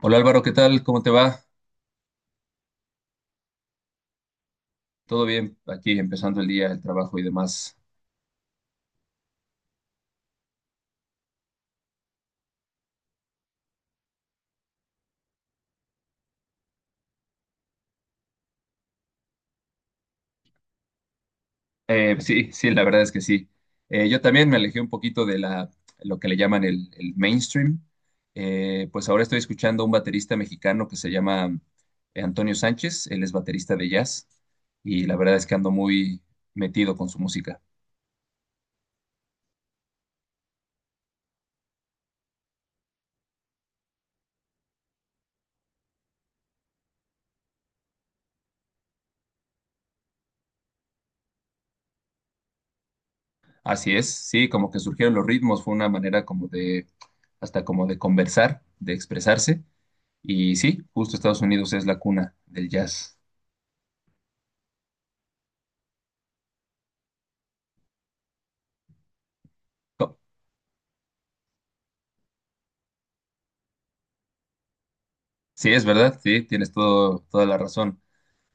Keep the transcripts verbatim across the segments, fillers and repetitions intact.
Hola Álvaro, ¿qué tal? ¿Cómo te va? ¿Todo bien? Aquí empezando el día, el trabajo y demás. Eh, sí, sí, la verdad es que sí. Eh, yo también me alejé un poquito de la, lo que le llaman el, el mainstream. Eh, pues ahora estoy escuchando a un baterista mexicano que se llama eh, Antonio Sánchez. Él es baterista de jazz y la verdad es que ando muy metido con su música. Así es, sí, como que surgieron los ritmos, fue una manera como de, hasta como de conversar, de expresarse. Y sí, justo Estados Unidos es la cuna del jazz. Co- Sí, es verdad, sí, tienes todo, toda la razón.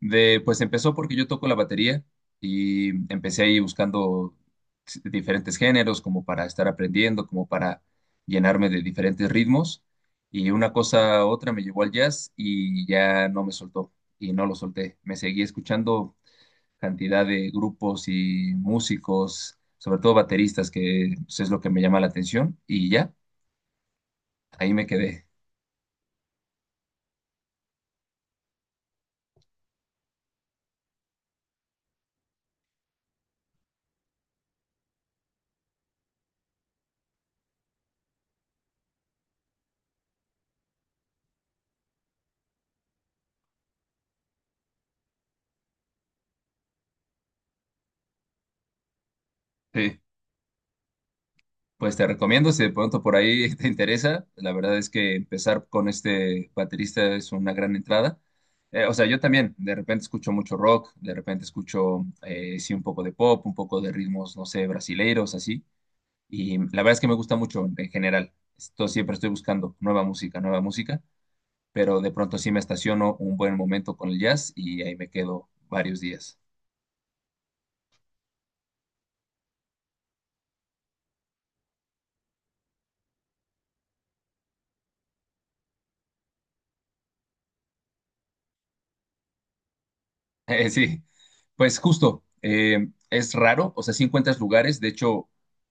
De, pues empezó porque yo toco la batería y empecé ahí buscando s- diferentes géneros como para estar aprendiendo, como para llenarme de diferentes ritmos. Y una cosa a otra me llevó al jazz y ya no me soltó y no lo solté. Me seguí escuchando cantidad de grupos y músicos, sobre todo bateristas, que pues, es lo que me llama la atención y ya. Ahí me quedé. Sí. Pues te recomiendo, si de pronto por ahí te interesa, la verdad es que empezar con este baterista es una gran entrada. Eh, o sea, yo también de repente escucho mucho rock, de repente escucho, eh, sí, un poco de pop, un poco de ritmos, no sé, brasileiros, así. Y la verdad es que me gusta mucho en general. Esto siempre estoy buscando nueva música, nueva música, pero de pronto sí me estaciono un buen momento con el jazz y ahí me quedo varios días. Eh, sí, pues justo, eh, es raro, o sea, sí encuentras lugares, de hecho,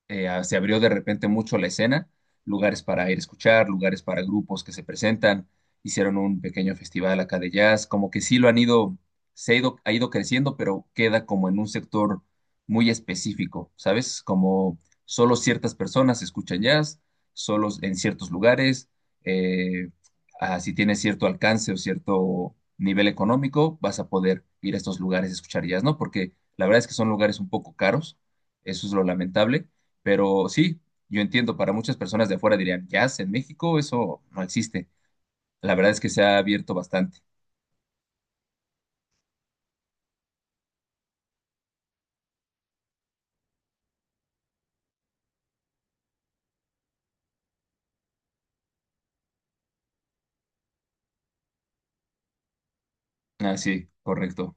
eh, ah, se abrió de repente mucho la escena, lugares para ir a escuchar, lugares para grupos que se presentan, hicieron un pequeño festival acá de jazz, como que sí lo han ido, se ha ido, ha ido creciendo, pero queda como en un sector muy específico, ¿sabes? Como solo ciertas personas escuchan jazz, solo en ciertos lugares, eh, ah, si tienes cierto alcance o cierto nivel económico, vas a poder ir a estos lugares a escuchar jazz, ¿no? Porque la verdad es que son lugares un poco caros, eso es lo lamentable, pero sí, yo entiendo, para muchas personas de afuera dirían, jazz en México, eso no existe. La verdad es que se ha abierto bastante. Ah, sí, correcto.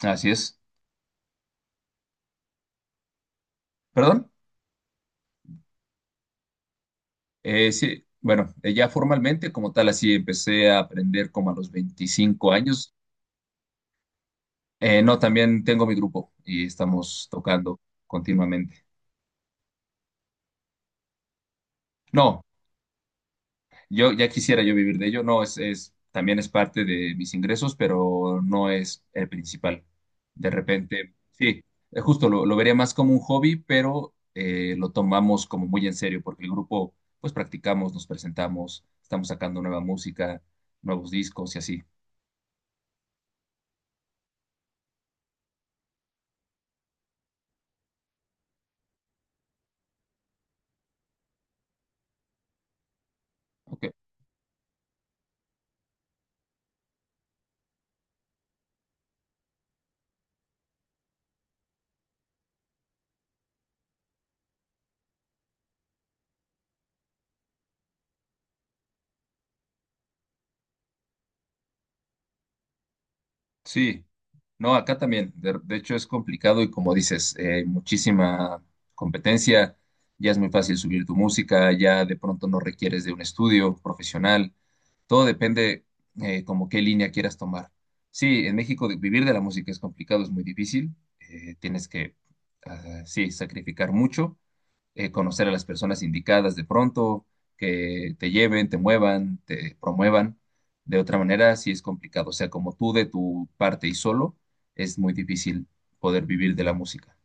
Así es. ¿Perdón? Eh, sí, bueno, eh, ya formalmente como tal, así empecé a aprender como a los veinticinco años. Eh, no, también tengo mi grupo y estamos tocando continuamente. No, yo ya quisiera yo vivir de ello, no, es, es, también es parte de mis ingresos, pero no es el principal. De repente, sí, eh, justo lo, lo vería más como un hobby, pero eh, lo tomamos como muy en serio, porque el grupo, pues practicamos, nos presentamos, estamos sacando nueva música, nuevos discos y así. Ok. Sí, no, acá también, de, de hecho es complicado y como dices, eh, muchísima competencia, ya es muy fácil subir tu música, ya de pronto no requieres de un estudio profesional. Todo depende eh, como qué línea quieras tomar. Sí, en México de- vivir de la música es complicado, es muy difícil. eh, tienes que, ah, sí, sacrificar mucho, eh, conocer a las personas indicadas de pronto, que te lleven, te muevan, te promuevan. De otra manera, sí es complicado. O sea, como tú de tu parte y solo, es muy difícil poder vivir de la música.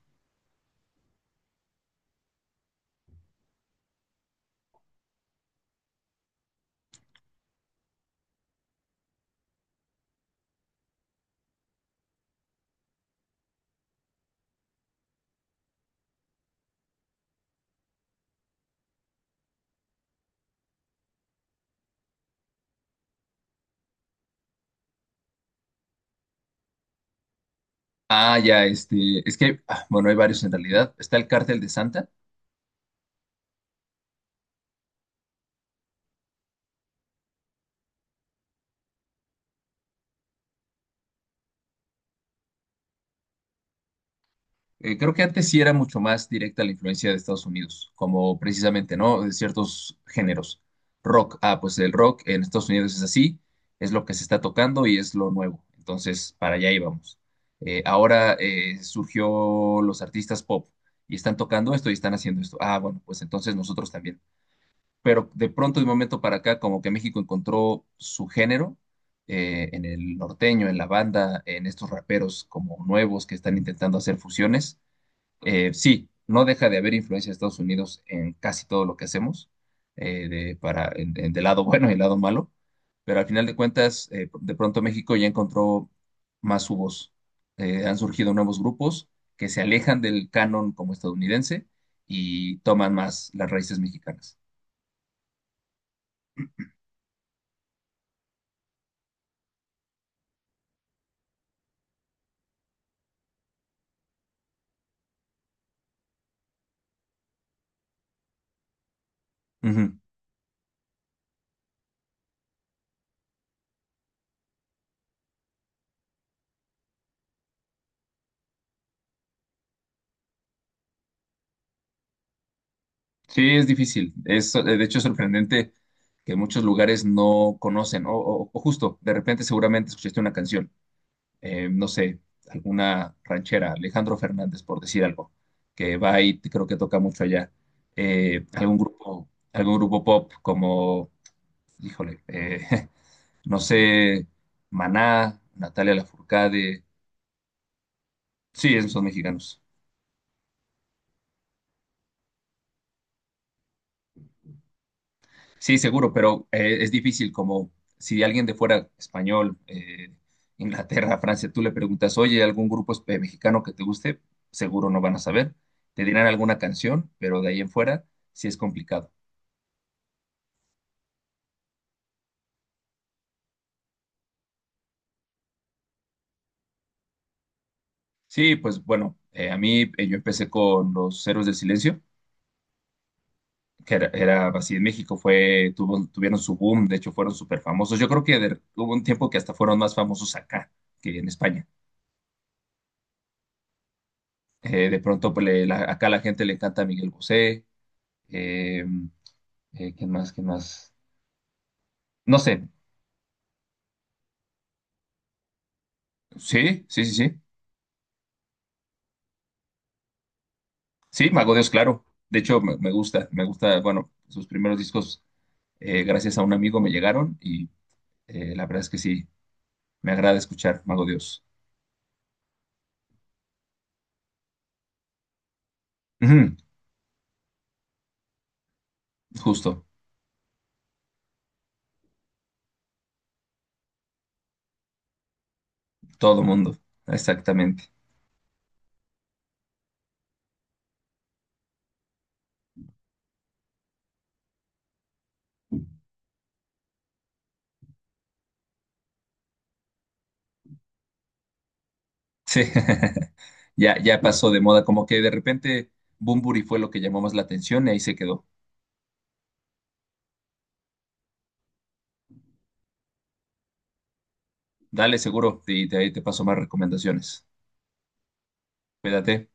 Ah, ya, este, es que, ah, bueno, hay varios en realidad. Está el Cártel de Santa. Eh, creo que antes sí era mucho más directa la influencia de Estados Unidos, como precisamente, ¿no? De ciertos géneros. Rock, ah, pues el rock en Estados Unidos es así, es lo que se está tocando y es lo nuevo. Entonces, para allá íbamos. Eh, ahora eh, surgió los artistas pop y están tocando esto y están haciendo esto. Ah, bueno, pues entonces nosotros también. Pero de pronto, de un momento para acá, como que México encontró su género eh, en el norteño, en la banda, en estos raperos como nuevos que están intentando hacer fusiones. Eh, sí, no deja de haber influencia de Estados Unidos en casi todo lo que hacemos, eh, de, para, en- en- del lado bueno y el lado malo, pero al final de cuentas, eh, de pronto México ya encontró más su voz. Eh, han surgido nuevos grupos que se alejan del canon como estadounidense y toman más las raíces mexicanas. Ujú. Sí, es difícil. Es, eh, de hecho, es sorprendente que muchos lugares no conocen, o, o- o justo, de repente seguramente escuchaste una canción, eh, no sé, alguna ranchera, Alejandro Fernández, por decir algo, que va y creo que toca mucho allá. Eh, algún grupo, algún grupo pop como, híjole, eh, no sé, Maná, Natalia Lafourcade, sí, esos son mexicanos. Sí, seguro, pero eh, es difícil como si alguien de fuera español, eh, Inglaterra, Francia, tú le preguntas, oye, ¿algún grupo espe- mexicano que te guste? Seguro no van a saber. Te dirán alguna canción, pero de ahí en fuera sí es complicado. Sí, pues bueno, eh, a mí eh, yo empecé con los Héroes del Silencio, que era, era así en México, fue, tuvo- tuvieron su boom, de hecho fueron súper famosos. Yo creo que de- hubo un tiempo que hasta fueron más famosos acá que en España. Eh, de pronto, pues, le- la- acá a la gente le encanta Miguel Bosé, eh, eh, ¿quién más? ¿Quién más? No sé, sí, sí, sí, sí. Sí, Mago Dios, claro. De hecho, me, me gusta, me gusta, bueno, sus primeros discos, eh, gracias a un amigo me llegaron y eh, la verdad es que sí, me agrada escuchar Mago Dios. Ujú. Justo, todo mundo, exactamente. Sí, ya, ya pasó de moda, como que de repente Bunbury fue lo que llamó más la atención y ahí se quedó. Dale seguro y de ahí te paso más recomendaciones. Cuídate.